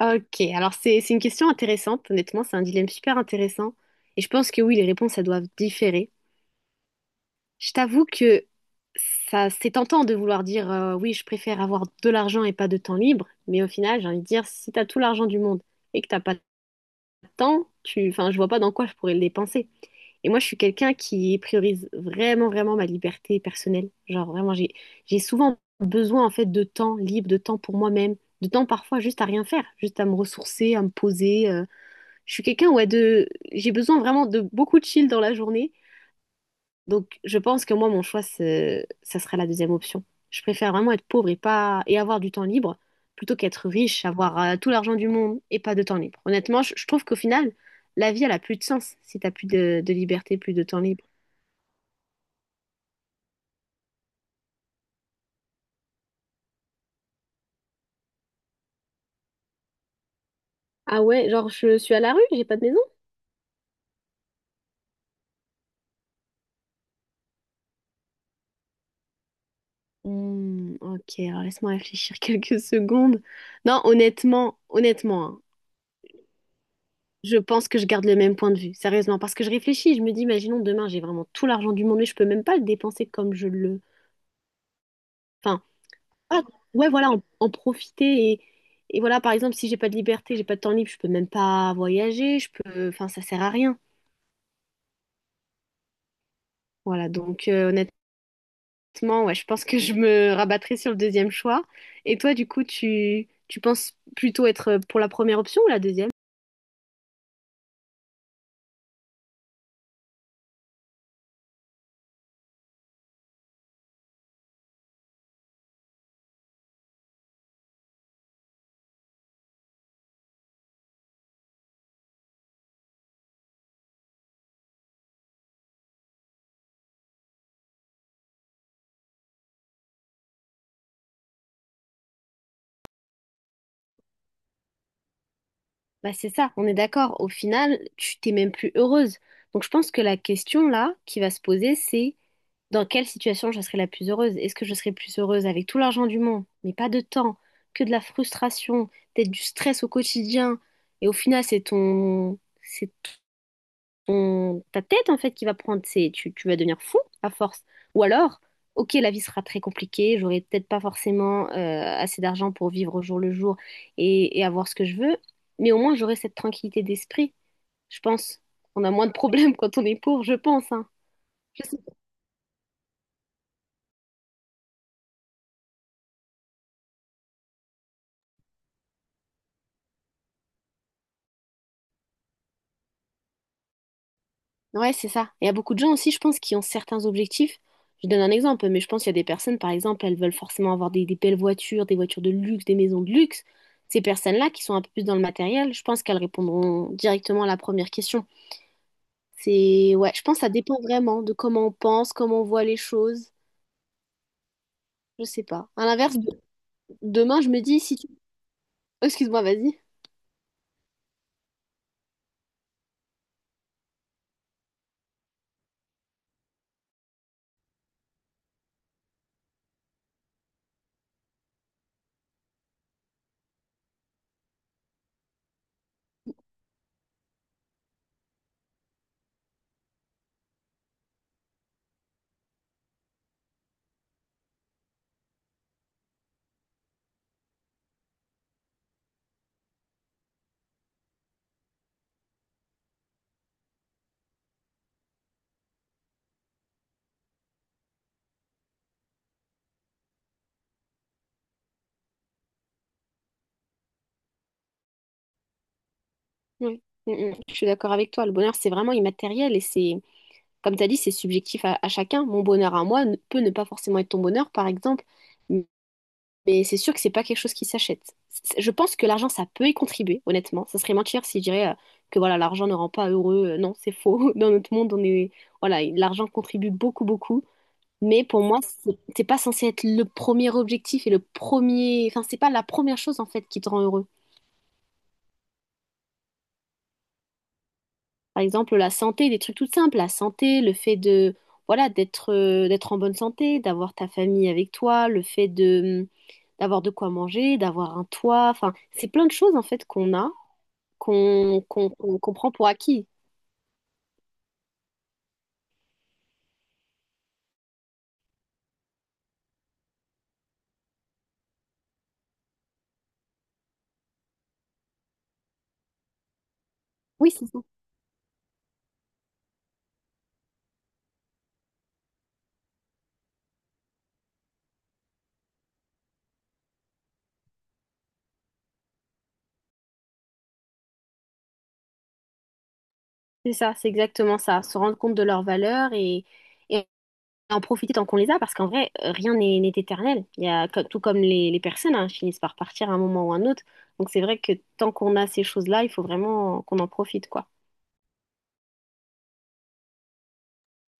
Ok, alors c'est une question intéressante, honnêtement, c'est un dilemme super intéressant. Et je pense que oui, les réponses, elles doivent différer. Je t'avoue que ça, c'est tentant de vouloir dire oui, je préfère avoir de l'argent et pas de temps libre, mais au final, j'ai envie de dire, si t'as tout l'argent du monde et que t'as pas de temps, tu, enfin, je vois pas dans quoi je pourrais le dépenser. Et moi, je suis quelqu'un qui priorise vraiment, vraiment ma liberté personnelle. Genre, vraiment, j'ai souvent besoin, en fait, de temps libre, de temps pour moi-même, de temps parfois juste à rien faire, juste à me ressourcer, à me poser. Je suis quelqu'un, ouais, de... J'ai besoin vraiment de beaucoup de chill dans la journée. Donc, je pense que moi, mon choix, ça sera la deuxième option. Je préfère vraiment être pauvre et pas... et avoir du temps libre plutôt qu'être riche, avoir tout l'argent du monde et pas de temps libre. Honnêtement, je trouve qu'au final, la vie, elle a plus de sens si t'as plus de liberté, plus de temps libre. Ah ouais, genre, je suis à la rue, j'ai pas de maison? Hmm, ok, alors laisse-moi réfléchir quelques secondes. Non, honnêtement, honnêtement, hein, je pense que je garde le même point de vue, sérieusement, parce que je réfléchis, je me dis, imaginons demain, j'ai vraiment tout l'argent du monde, mais je peux même pas le dépenser comme je le... Enfin, voilà, ouais, voilà, en profiter et voilà, par exemple, si j'ai pas de liberté, j'ai pas de temps libre, je peux même pas voyager, je peux... Enfin, ça sert à rien. Voilà, donc honnêtement, ouais, je pense que je me rabattrai sur le deuxième choix. Et toi, du coup, tu penses plutôt être pour la première option ou la deuxième? Bah c'est ça, on est d'accord. Au final, tu t'es même plus heureuse. Donc je pense que la question là qui va se poser, c'est dans quelle situation je serai la plus heureuse? Est-ce que je serai plus heureuse avec tout l'argent du monde, mais pas de temps, que de la frustration, peut-être du stress au quotidien, et au final c'est ton, ta tête en fait qui va prendre, tu vas devenir fou à force. Ou alors, ok, la vie sera très compliquée, j'aurai peut-être pas forcément assez d'argent pour vivre au jour le jour et avoir ce que je veux, mais au moins j'aurai cette tranquillité d'esprit, je pense. On a moins de problèmes quand on est pauvre, je pense, hein. Je sais. Ouais, c'est ça. Et il y a beaucoup de gens aussi, je pense, qui ont certains objectifs. Je donne un exemple, mais je pense qu'il y a des personnes, par exemple, elles veulent forcément avoir des belles voitures, des voitures de luxe, des maisons de luxe. Ces personnes-là qui sont un peu plus dans le matériel, je pense qu'elles répondront directement à la première question. C'est, ouais, je pense que ça dépend vraiment de comment on pense, comment on voit les choses. Je sais pas. À l'inverse, demain, je me dis si tu... Oh, excuse-moi, vas-y. Oui. Mm, mm. Je suis d'accord avec toi. Le bonheur, c'est vraiment immatériel et c'est... comme tu as dit, c'est subjectif à chacun. Mon bonheur à moi peut ne pas forcément être ton bonheur, par exemple, m- mais c'est sûr que c'est pas quelque chose qui s'achète. C'est- Je pense que l'argent, ça peut y contribuer, honnêtement. Ça serait mentir si je dirais que voilà, l'argent ne rend pas heureux. Non, c'est faux. Dans notre monde, on est voilà, l'argent contribue beaucoup, beaucoup. Mais pour moi, c'est pas censé être le premier objectif et le premier, enfin, c'est pas la première chose en fait qui te rend heureux. Par exemple, la santé, des trucs tout simples, la santé, le fait de, voilà, d'être en bonne santé, d'avoir ta famille avec toi, le fait de, mm, d'avoir de quoi manger, d'avoir un toit, enfin, c'est plein de choses en fait qu'on a, qu'on prend pour acquis. Oui, c'est ça. C'est ça, c'est exactement ça. Se rendre compte de leurs valeurs et en profiter tant qu'on les a, parce qu'en vrai, rien n'est éternel. Il y a, tout comme les personnes, hein, finissent par partir à un moment ou un autre. Donc c'est vrai que tant qu'on a ces choses-là, il faut vraiment qu'on en profite, quoi.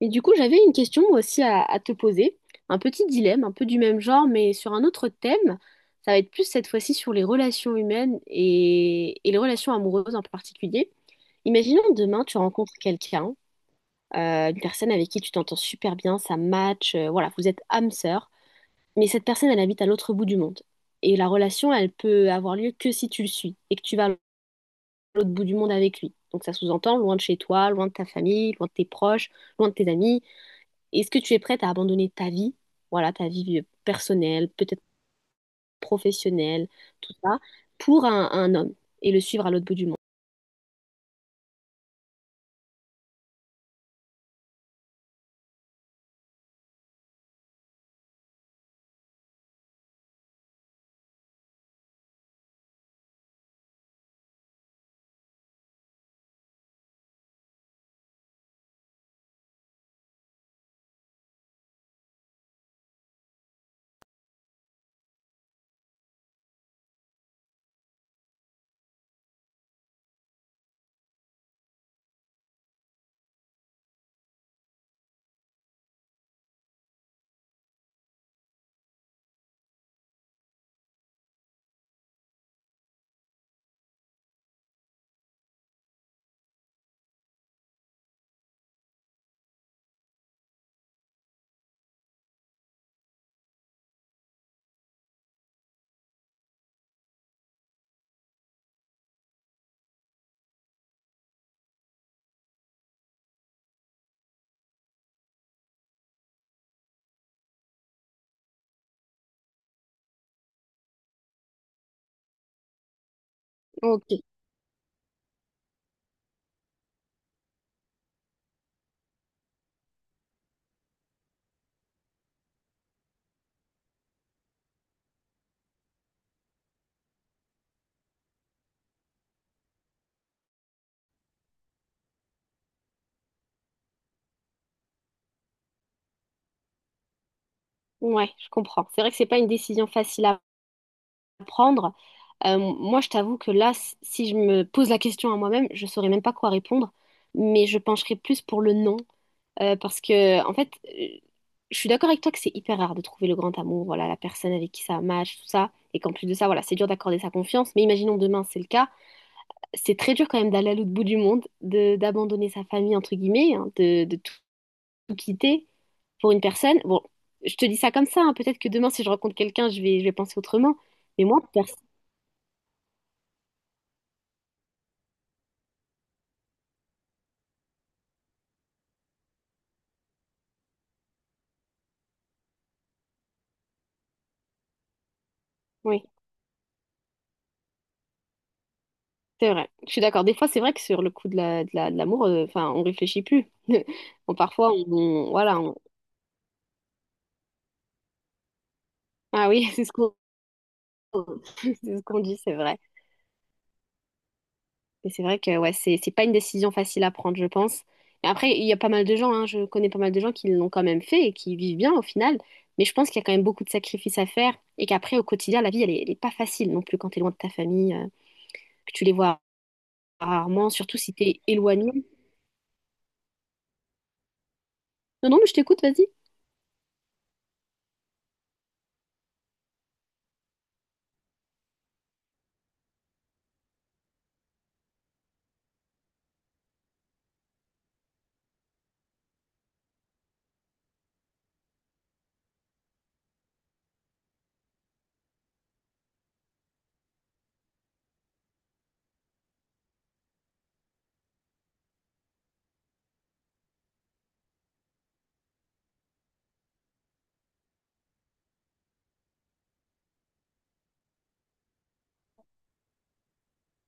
Et du coup, j'avais une question moi aussi à te poser, un petit dilemme, un peu du même genre, mais sur un autre thème. Ça va être plus cette fois-ci sur les relations humaines et les relations amoureuses en particulier. Imaginons demain, tu rencontres quelqu'un, une personne avec qui tu t'entends super bien, ça match, voilà, vous êtes âme sœur, mais cette personne, elle habite à l'autre bout du monde. Et la relation, elle peut avoir lieu que si tu le suis et que tu vas à l'autre bout du monde avec lui. Donc ça sous-entend loin de chez toi, loin de ta famille, loin de tes proches, loin de tes amis est-ce que tu es prête à abandonner ta vie, voilà, ta vie personnelle, peut-être professionnelle, tout ça, pour un homme et le suivre à l'autre bout du monde? Ok, ouais, je comprends. C'est vrai que c'est pas une décision facile à prendre. Moi, je t'avoue que là, si je me pose la question à moi-même, je saurais même pas quoi répondre, mais je pencherais plus pour le non, parce que en fait, je suis d'accord avec toi que c'est hyper rare de trouver le grand amour, voilà, la personne avec qui ça match, tout ça, et qu'en plus de ça, voilà, c'est dur d'accorder sa confiance. Mais imaginons demain, c'est le cas. C'est très dur quand même d'aller à l'autre bout du monde, de d'abandonner sa famille, entre guillemets, hein, de tout, tout quitter pour une personne. Bon, je te dis ça comme ça, hein, peut-être que demain, si je rencontre quelqu'un, je vais penser autrement. Mais moi, personne. Oui, c'est vrai. Je suis d'accord. Des fois, c'est vrai que sur le coup de la, de l'amour, enfin, on réfléchit plus. Bon, parfois, voilà. Ah oui, c'est ce qu'on c'est ce qu'on dit, c'est vrai. Mais c'est vrai que ouais, c'est pas une décision facile à prendre, je pense. Et après, il y a pas mal de gens, hein, je connais pas mal de gens qui l'ont quand même fait et qui vivent bien au final. Mais je pense qu'il y a quand même beaucoup de sacrifices à faire et qu'après, au quotidien, la vie, elle est pas facile non plus quand t'es loin de ta famille, que tu les vois rarement, surtout si t'es éloigné. Non, non, mais je t'écoute, vas-y.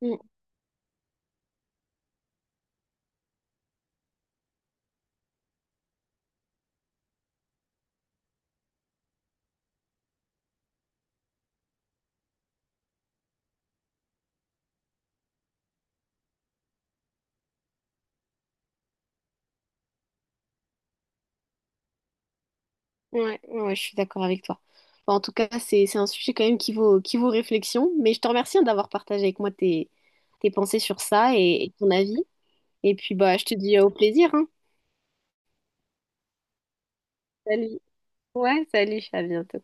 Mm. Ouais, ouais, ouais, je suis d'accord avec toi. Bon, en tout cas, c'est un sujet quand même qui vaut réflexion, mais je te remercie hein, d'avoir partagé avec moi tes, tes pensées sur ça et ton avis. Et puis, bah, je te dis au plaisir, hein. Salut. Ouais, salut, à bientôt.